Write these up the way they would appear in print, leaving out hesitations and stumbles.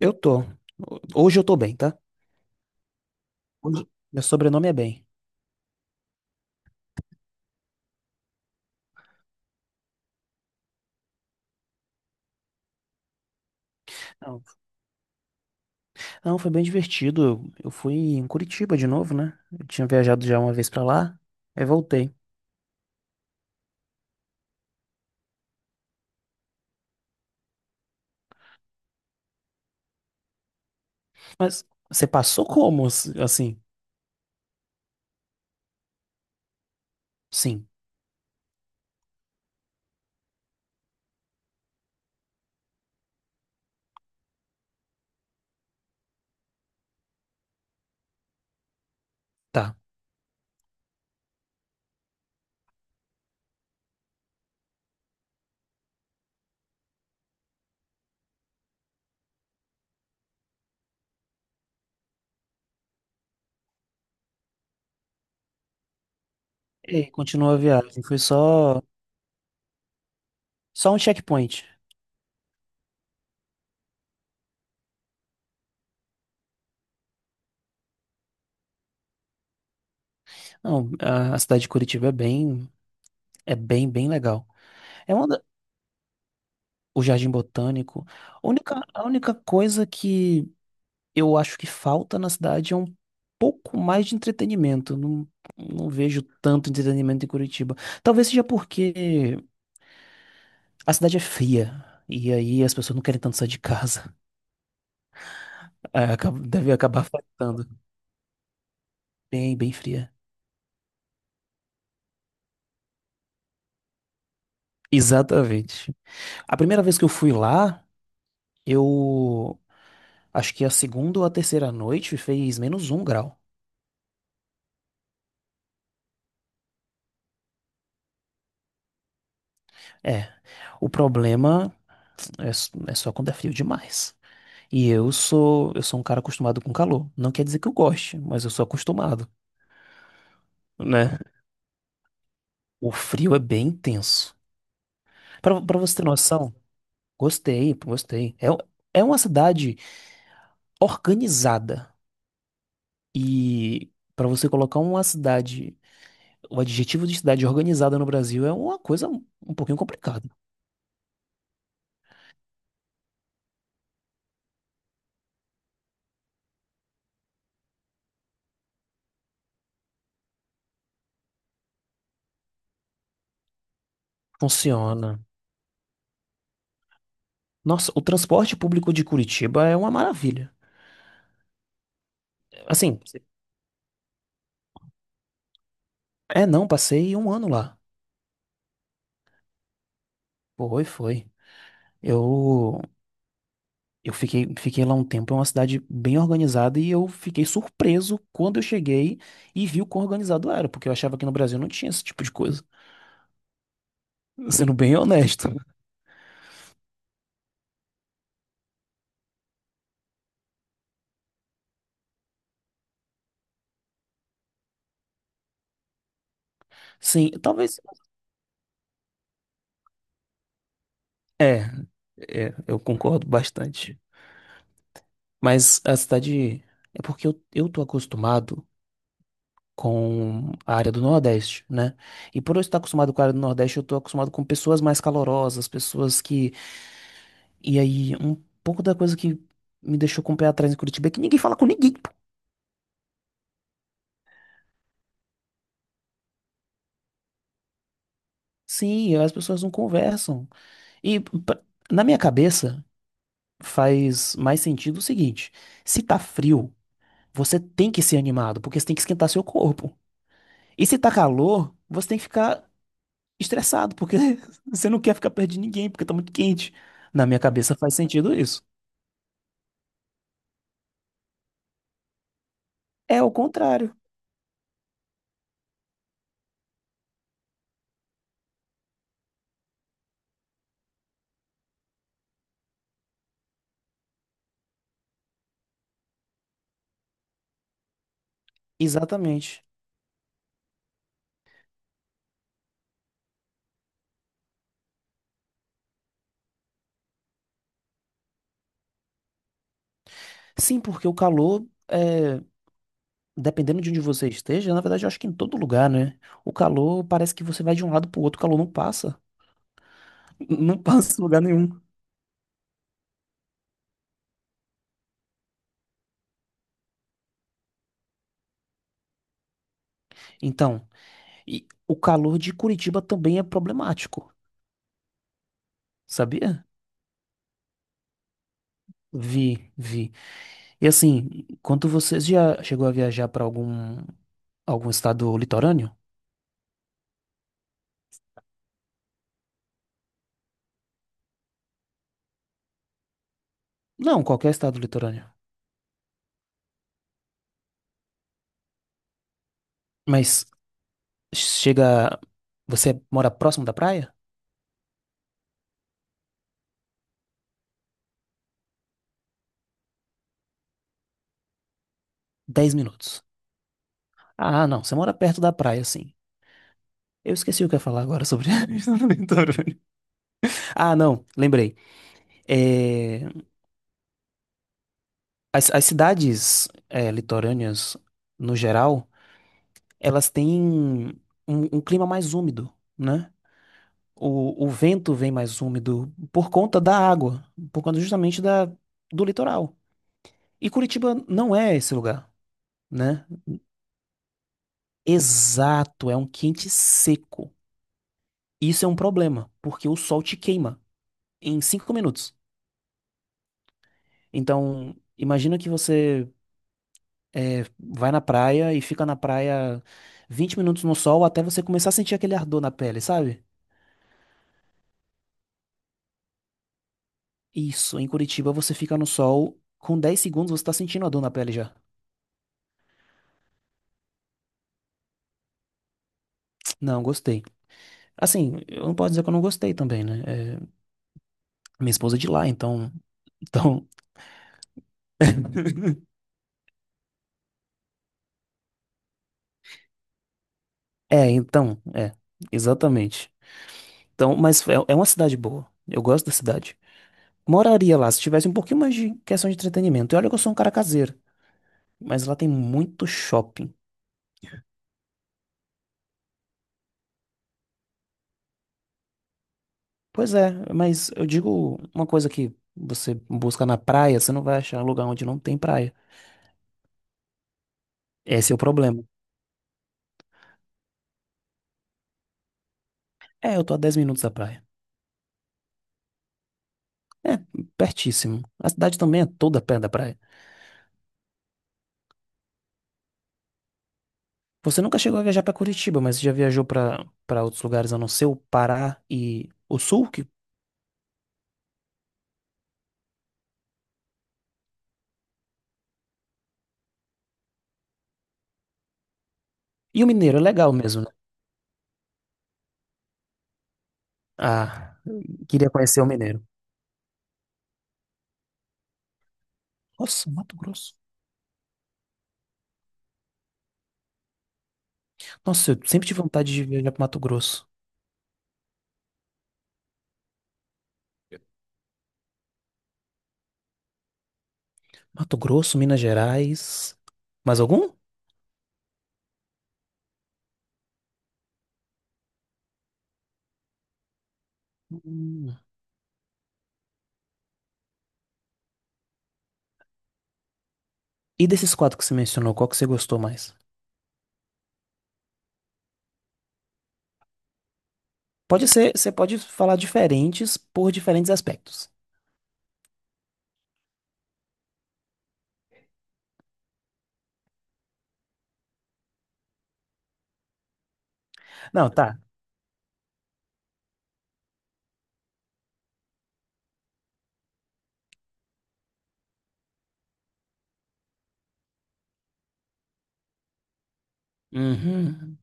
Eu tô. Hoje eu tô bem, tá? Meu sobrenome é bem. Não, não, foi bem divertido. Eu fui em Curitiba de novo, né? Eu tinha viajado já uma vez pra lá, aí voltei. Mas você passou como? Assim, sim, tá. E aí, continuou a viagem. Foi só um checkpoint. Não, a cidade de Curitiba bem legal. É uma da- o Jardim Botânico. A única coisa que eu acho que falta na cidade é um pouco mais de entretenimento. Não, não vejo tanto entretenimento em Curitiba. Talvez seja porque a cidade é fria. E aí as pessoas não querem tanto sair de casa. É, deve acabar afetando. Bem, bem fria. Exatamente. A primeira vez que eu fui lá, eu acho que a segunda ou a terceira noite fez -1 grau. É. O problema é só quando é frio demais. E eu sou um cara acostumado com calor. Não quer dizer que eu goste, mas eu sou acostumado, né? O frio é bem intenso. Pra para você ter noção, gostei, gostei. É, é uma cidade organizada. E pra você colocar uma cidade, o adjetivo de cidade organizada no Brasil é uma coisa um pouquinho complicada. Funciona. Nossa, o transporte público de Curitiba é uma maravilha. Assim, é não, passei um ano lá. Foi, foi. Eu Eu fiquei lá um tempo, é uma cidade bem organizada e eu fiquei surpreso quando eu cheguei e vi o quão organizado era, porque eu achava que no Brasil não tinha esse tipo de coisa, sendo bem honesto. Sim, talvez. É, é, eu concordo bastante. Mas a cidade. É porque eu tô acostumado com a área do Nordeste, né? E por eu estar acostumado com a área do Nordeste, eu tô acostumado com pessoas mais calorosas, pessoas que. E aí, um pouco da coisa que me deixou com o pé atrás em Curitiba é que ninguém fala com ninguém. Sim, as pessoas não conversam. E na minha cabeça faz mais sentido o seguinte: se tá frio, você tem que ser animado, porque você tem que esquentar seu corpo. E se tá calor, você tem que ficar estressado, porque você não quer ficar perto de ninguém, porque tá muito quente. Na minha cabeça faz sentido isso. É o contrário. Exatamente. Sim, porque o calor é, dependendo de onde você esteja, na verdade eu acho que em todo lugar, né? O calor parece que você vai de um lado pro outro, o calor não passa. Não passa em lugar nenhum. Então, e o calor de Curitiba também é problemático, sabia? Vi, vi. E assim, quanto vocês já chegou a viajar para algum estado litorâneo? Não, qualquer estado litorâneo. Mas chega, você mora próximo da praia? 10 minutos. Ah, não, você mora perto da praia, sim. Eu esqueci o que eu ia falar agora sobre a estado litorâneo. Ah, não, lembrei. É, as cidades litorâneas, no geral, elas têm um clima mais úmido, né? O vento vem mais úmido por conta da água, por conta justamente do litoral. E Curitiba não é esse lugar, né? Exato, é um quente seco. Isso é um problema, porque o sol te queima em 5 minutos. Então, imagina que você vai na praia e fica na praia 20 minutos no sol até você começar a sentir aquele ardor na pele, sabe? Isso, em Curitiba você fica no sol, com 10 segundos você tá sentindo a dor na pele já. Não, gostei. Assim, eu não posso dizer que eu não gostei também, né? É, minha esposa é de lá, então. Então. É, então. É, exatamente. Então, mas é uma cidade boa. Eu gosto da cidade. Moraria lá se tivesse um pouquinho mais de questão de entretenimento. E olha que eu sou um cara caseiro, mas lá tem muito shopping. Pois é, mas eu digo uma coisa que você busca na praia, você não vai achar lugar onde não tem praia. Esse é o problema. É, eu tô a 10 minutos da praia. É pertíssimo. A cidade também é toda perto da praia. Você nunca chegou a viajar pra Curitiba, mas você já viajou pra para outros lugares a não ser o Pará e o Sul? E o Mineiro é legal mesmo, né? Ah, queria conhecer o Mineiro. Nossa, Mato Grosso. Nossa, eu sempre tive vontade de viajar pro Mato Grosso. Mato Grosso, Minas Gerais. Mais algum? Hum. E desses quatro que você mencionou, qual que você gostou mais? Pode ser, você pode falar diferentes por diferentes aspectos. Não, tá. Uhum.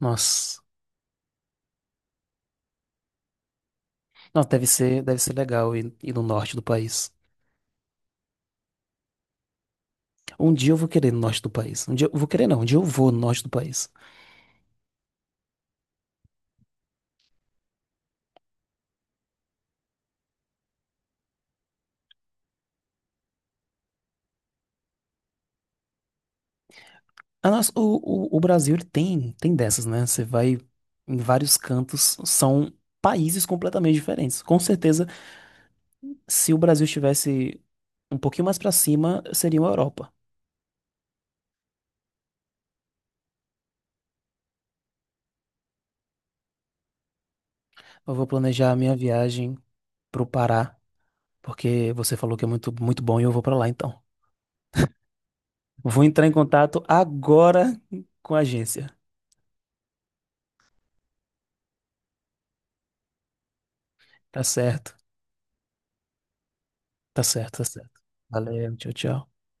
Nossa. Não, deve ser legal ir no norte do país. Um dia eu vou querer ir no norte do país. Um dia eu vou querer, não. Um dia eu vou no norte do país. A nossa, o Brasil, ele tem dessas, né? Você vai em vários cantos, são países completamente diferentes. Com certeza, se o Brasil estivesse um pouquinho mais pra cima, seria uma Europa. Eu vou planejar a minha viagem pro Pará, porque você falou que é muito, muito bom e eu vou pra lá, então. Vou entrar em contato agora com a agência. Tá certo. Tá certo, tá certo. Valeu, tchau, tchau.